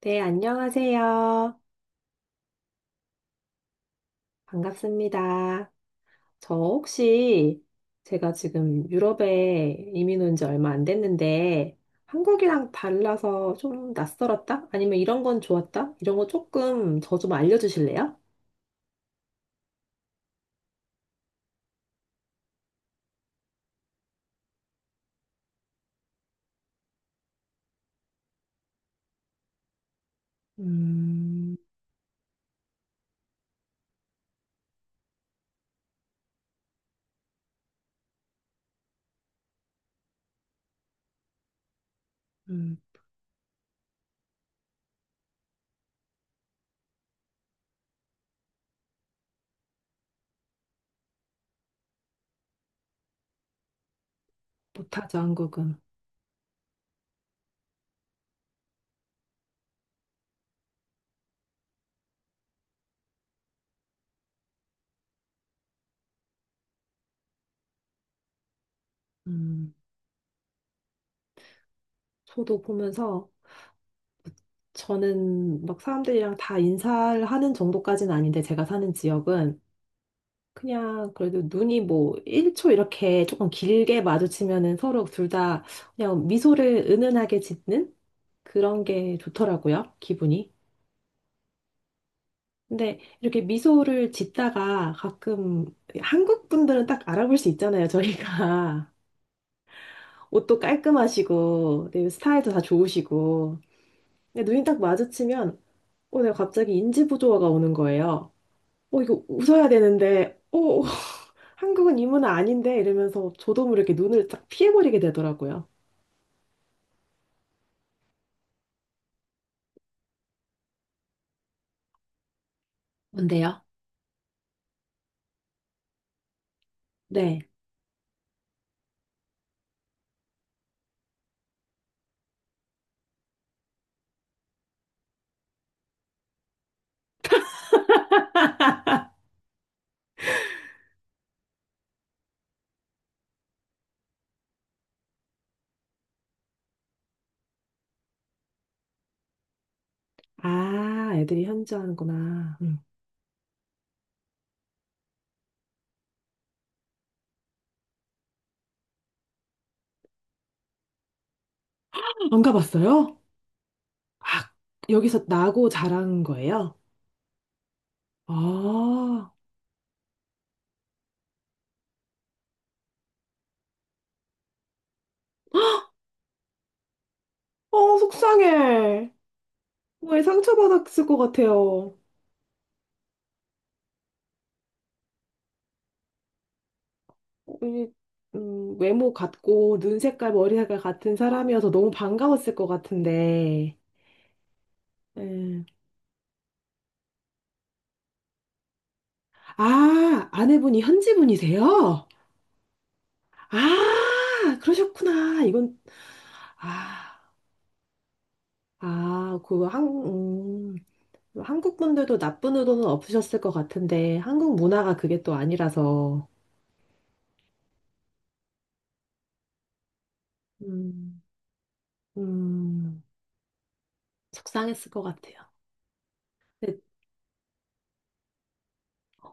네, 안녕하세요. 반갑습니다. 저 혹시 제가 지금 유럽에 이민 온 지 얼마 안 됐는데 한국이랑 달라서 좀 낯설었다? 아니면 이런 건 좋았다? 이런 거 조금 저 좀 알려주실래요? 음, 음, 못하죠, 한국은. 음, 저도 보면서 저는 막 사람들이랑 다 인사를 하는 정도까지는 아닌데 제가 사는 지역은 그냥 그래도 눈이 뭐 1초 이렇게 조금 길게 마주치면은 서로 둘 다 그냥 미소를 은은하게 짓는 그런 게 좋더라고요, 기분이. 근데 이렇게 미소를 짓다가 가끔 한국 분들은 딱 알아볼 수 있잖아요, 저희가. 옷도 깔끔하시고, 네, 스타일도 다 좋으시고. 근데 눈이 딱 마주치면, 내가 갑자기 인지부조화가 오는 거예요. 이거 웃어야 되는데, 한국은 이 문화 아닌데 이러면서 저도 모르게 눈을 쫙 피해버리게 되더라고요. 뭔데요? 네. 아, 애들이 현지하는구나. 음. 안 가봤어요? 아, 여기서 나고 자란 거예요? 아, 속상해. 왜 상처받았을 것 같아요. 이, 외모 같고, 눈 색깔, 머리 색깔 같은 사람이어서 너무 반가웠을 것 같은데. 음. 아, 아내분이 현지분이세요? 아, 그러셨구나. 이건, 아, 그 한국 분들도 나쁜 의도는 없으셨을 것 같은데, 한국 문화가 그게 또 아니라서, 음, 음, 속상했을 것 같아요. 네.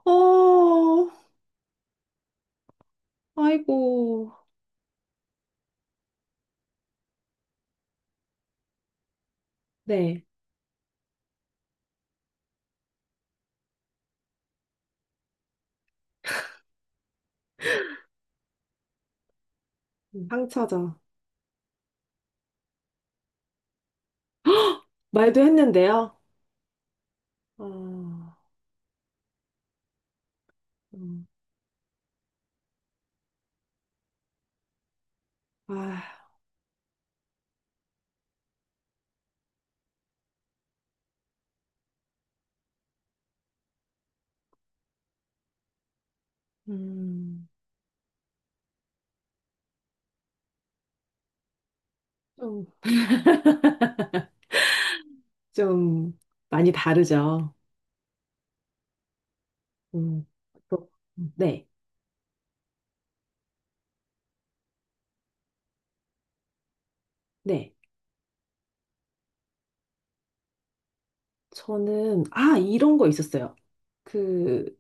어, 아이고, 네, 상처죠. 말도 했는데요. 어, 음, 아, 음, 좀, 좀 많이 다르죠. 음, 또, 네, 네. 저는, 이런 거 있었어요. 그,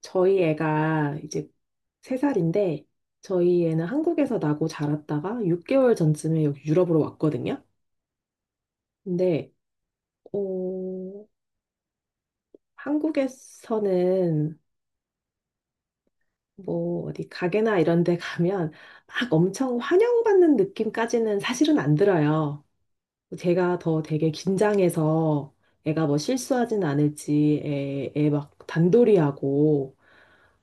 저희 애가 이제 세살인데 저희 애는 한국에서 나고 자랐다가 6개월 전쯤에 여기 유럽으로 왔거든요. 근데, 어, 한국에서는 뭐 어디 가게나 이런 데 가면 막 엄청 환영받는 느낌까지는 사실은 안 들어요. 제가 더 되게 긴장해서 애가 뭐 실수하진 않을지 애막 단돌이하고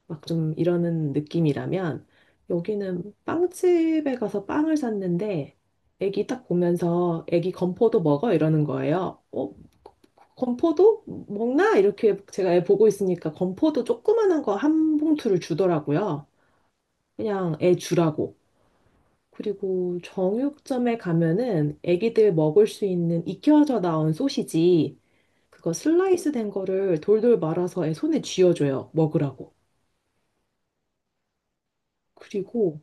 막 좀 이러는 느낌이라면 여기는 빵집에 가서 빵을 샀는데 애기 딱 보면서 애기 건포도 먹어 이러는 거예요. 건포도 먹나? 이렇게 제가 애 보고 있으니까 건포도 조그만한 거 한 봉투를 주더라고요. 그냥 애 주라고. 그리고 정육점에 가면은 애기들 먹을 수 있는 익혀져 나온 소시지 그거 슬라이스 된 거를 돌돌 말아서 애 손에 쥐어줘요. 먹으라고. 그리고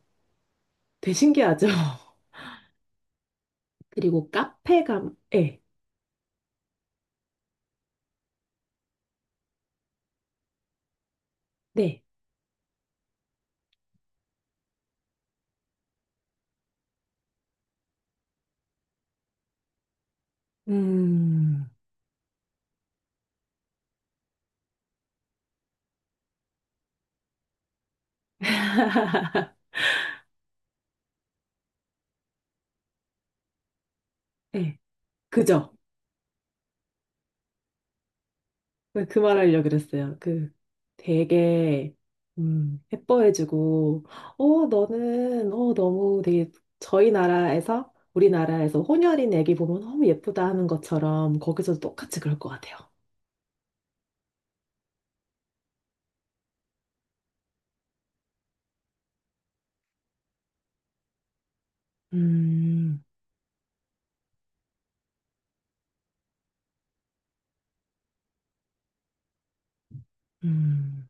되게 신기하죠? 그리고 카페 예, 네. 음, 예, 그죠? 그 말하려고 그랬어요. 그 되게, 예뻐해주고, 너는, 너무 되게 저희 나라에서, 우리나라에서 혼혈인 애기 보면 너무 예쁘다 하는 것처럼 거기서도 똑같이 그럴 것 같아요. 음, 음,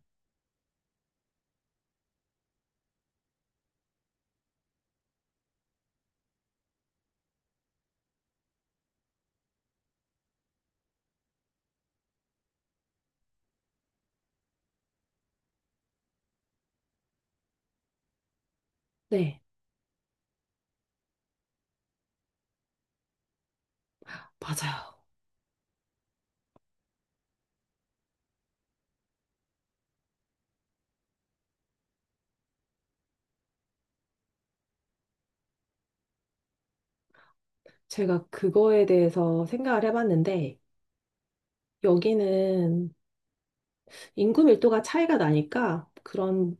네, 맞아요. 제가 그거에 대해서 생각을 해봤는데, 여기는 인구 밀도가 차이가 나니까 그런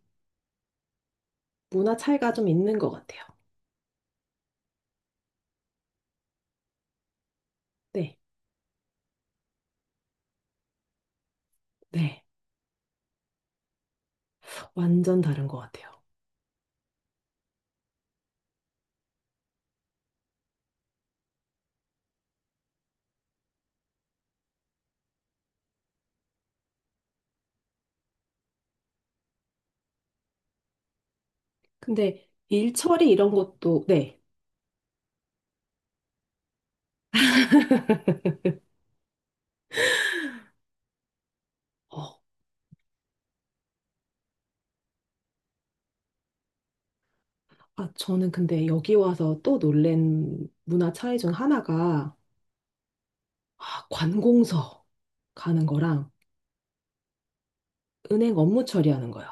문화 차이가 좀 있는 것 같아요. 네, 네, 완전 다른 것 같아요. 근데 일 처리 이런 것도, 네. 어, 저는 근데 여기 와서 또 놀란 문화 차이 중 하나가 아, 관공서 가는 거랑 은행 업무 처리하는 거예요.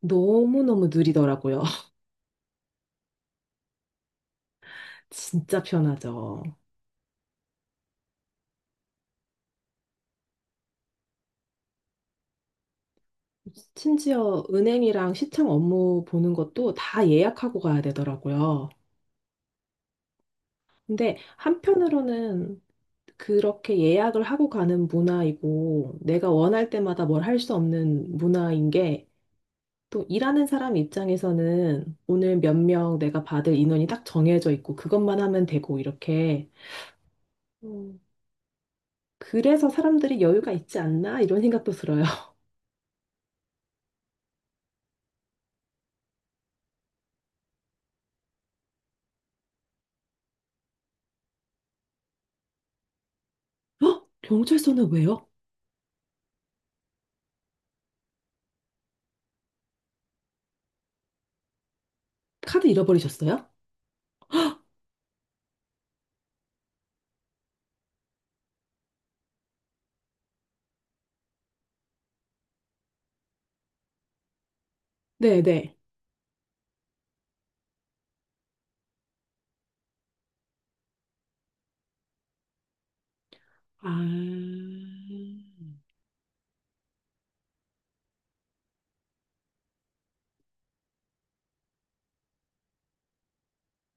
너무너무 느리더라고요. 진짜 편하죠. 심지어 은행이랑 시청 업무 보는 것도 다 예약하고 가야 되더라고요. 근데 한편으로는 그렇게 예약을 하고 가는 문화이고, 내가 원할 때마다 뭘 할 수 없는 문화인 게, 또 일하는 사람 입장에서는 오늘 몇 명 내가 받을 인원이 딱 정해져 있고, 그것만 하면 되고, 이렇게. 음. 그래서 사람들이 여유가 있지 않나? 이런 생각도 들어요. 어? 경찰서는 왜요? 카드 잃어버리셨어요? 네네. 아,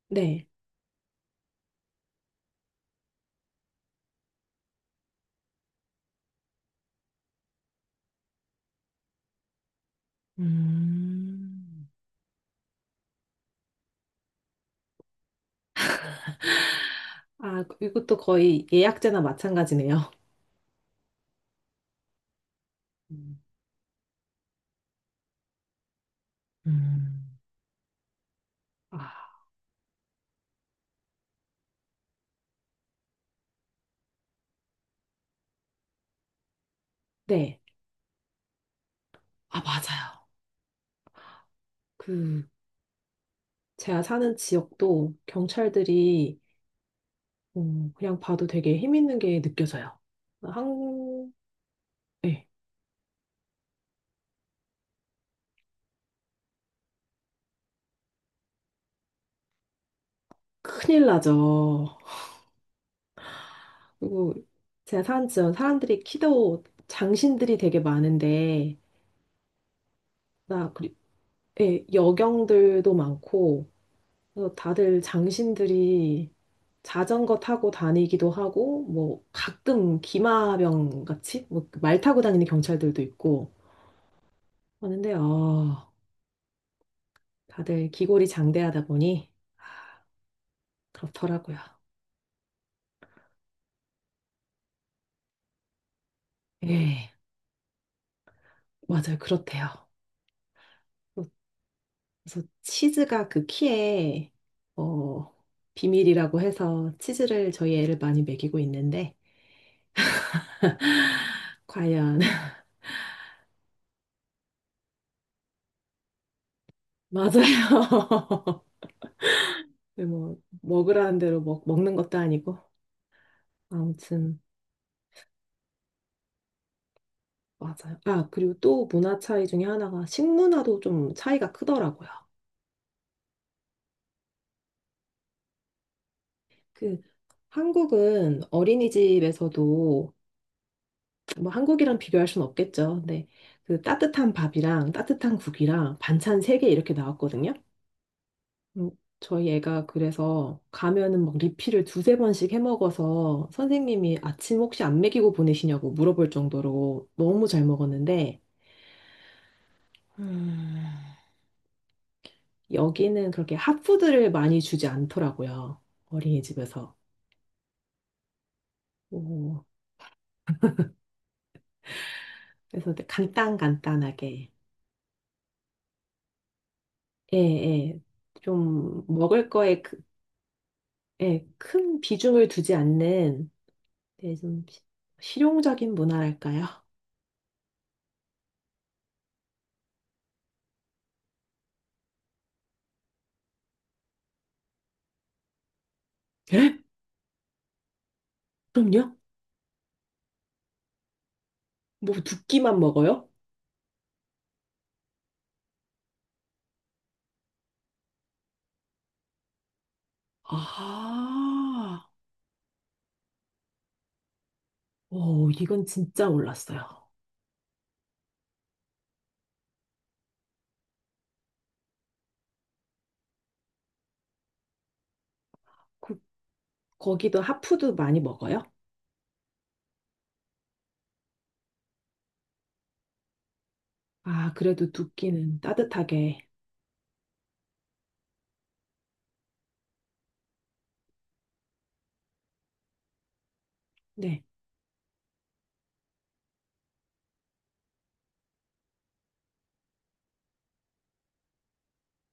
네. 음, 아, 이것도 거의 예약제나 마찬가지네요. 음. 음. 아, 네. 아, 맞아요. 그, 제가 사는 지역도 경찰들이 그냥 봐도 되게 힘 있는 게 느껴져요. 한, 국 네. 큰일 나죠. 그리고 제가 사는 지역 사람들이 키도 장신들이 되게 많은데, 나, 그리, 예, 여경들도 많고, 그래서 다들 장신들이 자전거 타고 다니기도 하고, 뭐, 가끔 기마병 같이, 뭐, 말 타고 다니는 경찰들도 있고, 하는데 다들 기골이 장대하다 보니 그렇더라고요. 예, 맞아요. 그렇대요. 그래서 치즈가 그 키에 어, 비밀이라고 해서 치즈를 저희 애를 많이 먹이고 있는데 과연 맞아요. 뭐 먹으라는 대로 먹는 것도 아니고 아무튼 맞아요. 아, 그리고 또 문화 차이 중에 하나가 식문화도 좀 차이가 크더라고요. 그 한국은 어린이집에서도 뭐 한국이랑 비교할 순 없겠죠. 근데 그 따뜻한 밥이랑 따뜻한 국이랑 반찬 세 개 이렇게 나왔거든요. 음, 저희 애가 그래서 가면은 막 리필을 두세 번씩 해 먹어서 선생님이 아침 혹시 안 먹이고 보내시냐고 물어볼 정도로 너무 잘 먹었는데 음, 여기는 그렇게 핫푸드를 많이 주지 않더라고요. 어린이집에서. 오, 그래서 간단간단하게. 예, 예. 좀 먹을 거에 그 예, 큰 비중을 두지 않는 예, 좀 실용적인 문화랄까요? 예? 그럼요? 뭐 두 끼만 먹어요? 아, 오, 이건 진짜 몰랐어요. 그, 거기도 핫푸드 많이 먹어요? 아, 그래도 두 끼는 따뜻하게. 네.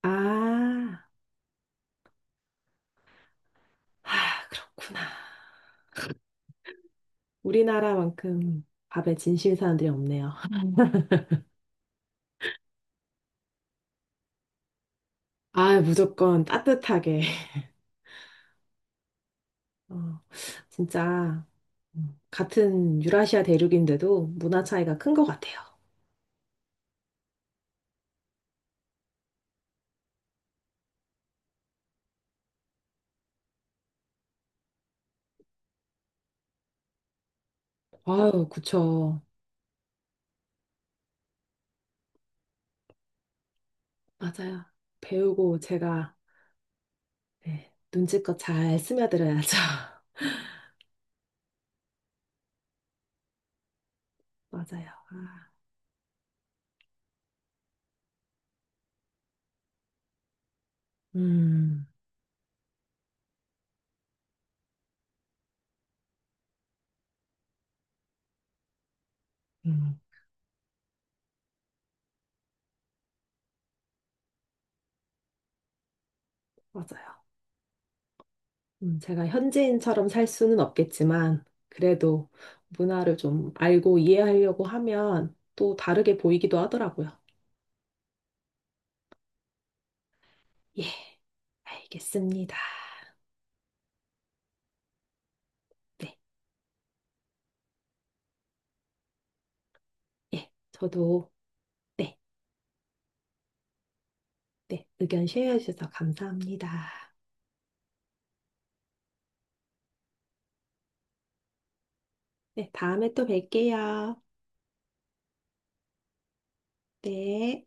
아, 아, 그렇구나. 우리나라만큼 밥에 진심인 사람들이 없네요. 아, 무조건 따뜻하게. 어, 진짜. 같은 유라시아 대륙인데도 문화 차이가 큰 것 같아요. 아유, 그쵸. 맞아요. 배우고 제가 네, 눈치껏 잘 스며들어야죠. 맞아요. 아, 음, 음, 맞아요. 제가 현지인처럼 살 수는 없겠지만, 그래도 문화를 좀 알고 이해하려고 하면 또 다르게 보이기도 하더라고요. 예, 알겠습니다. 네, 예, 저도, 네, 네, 의견 쉐어해 주셔서 감사합니다. 네, 다음에 또 뵐게요. 네.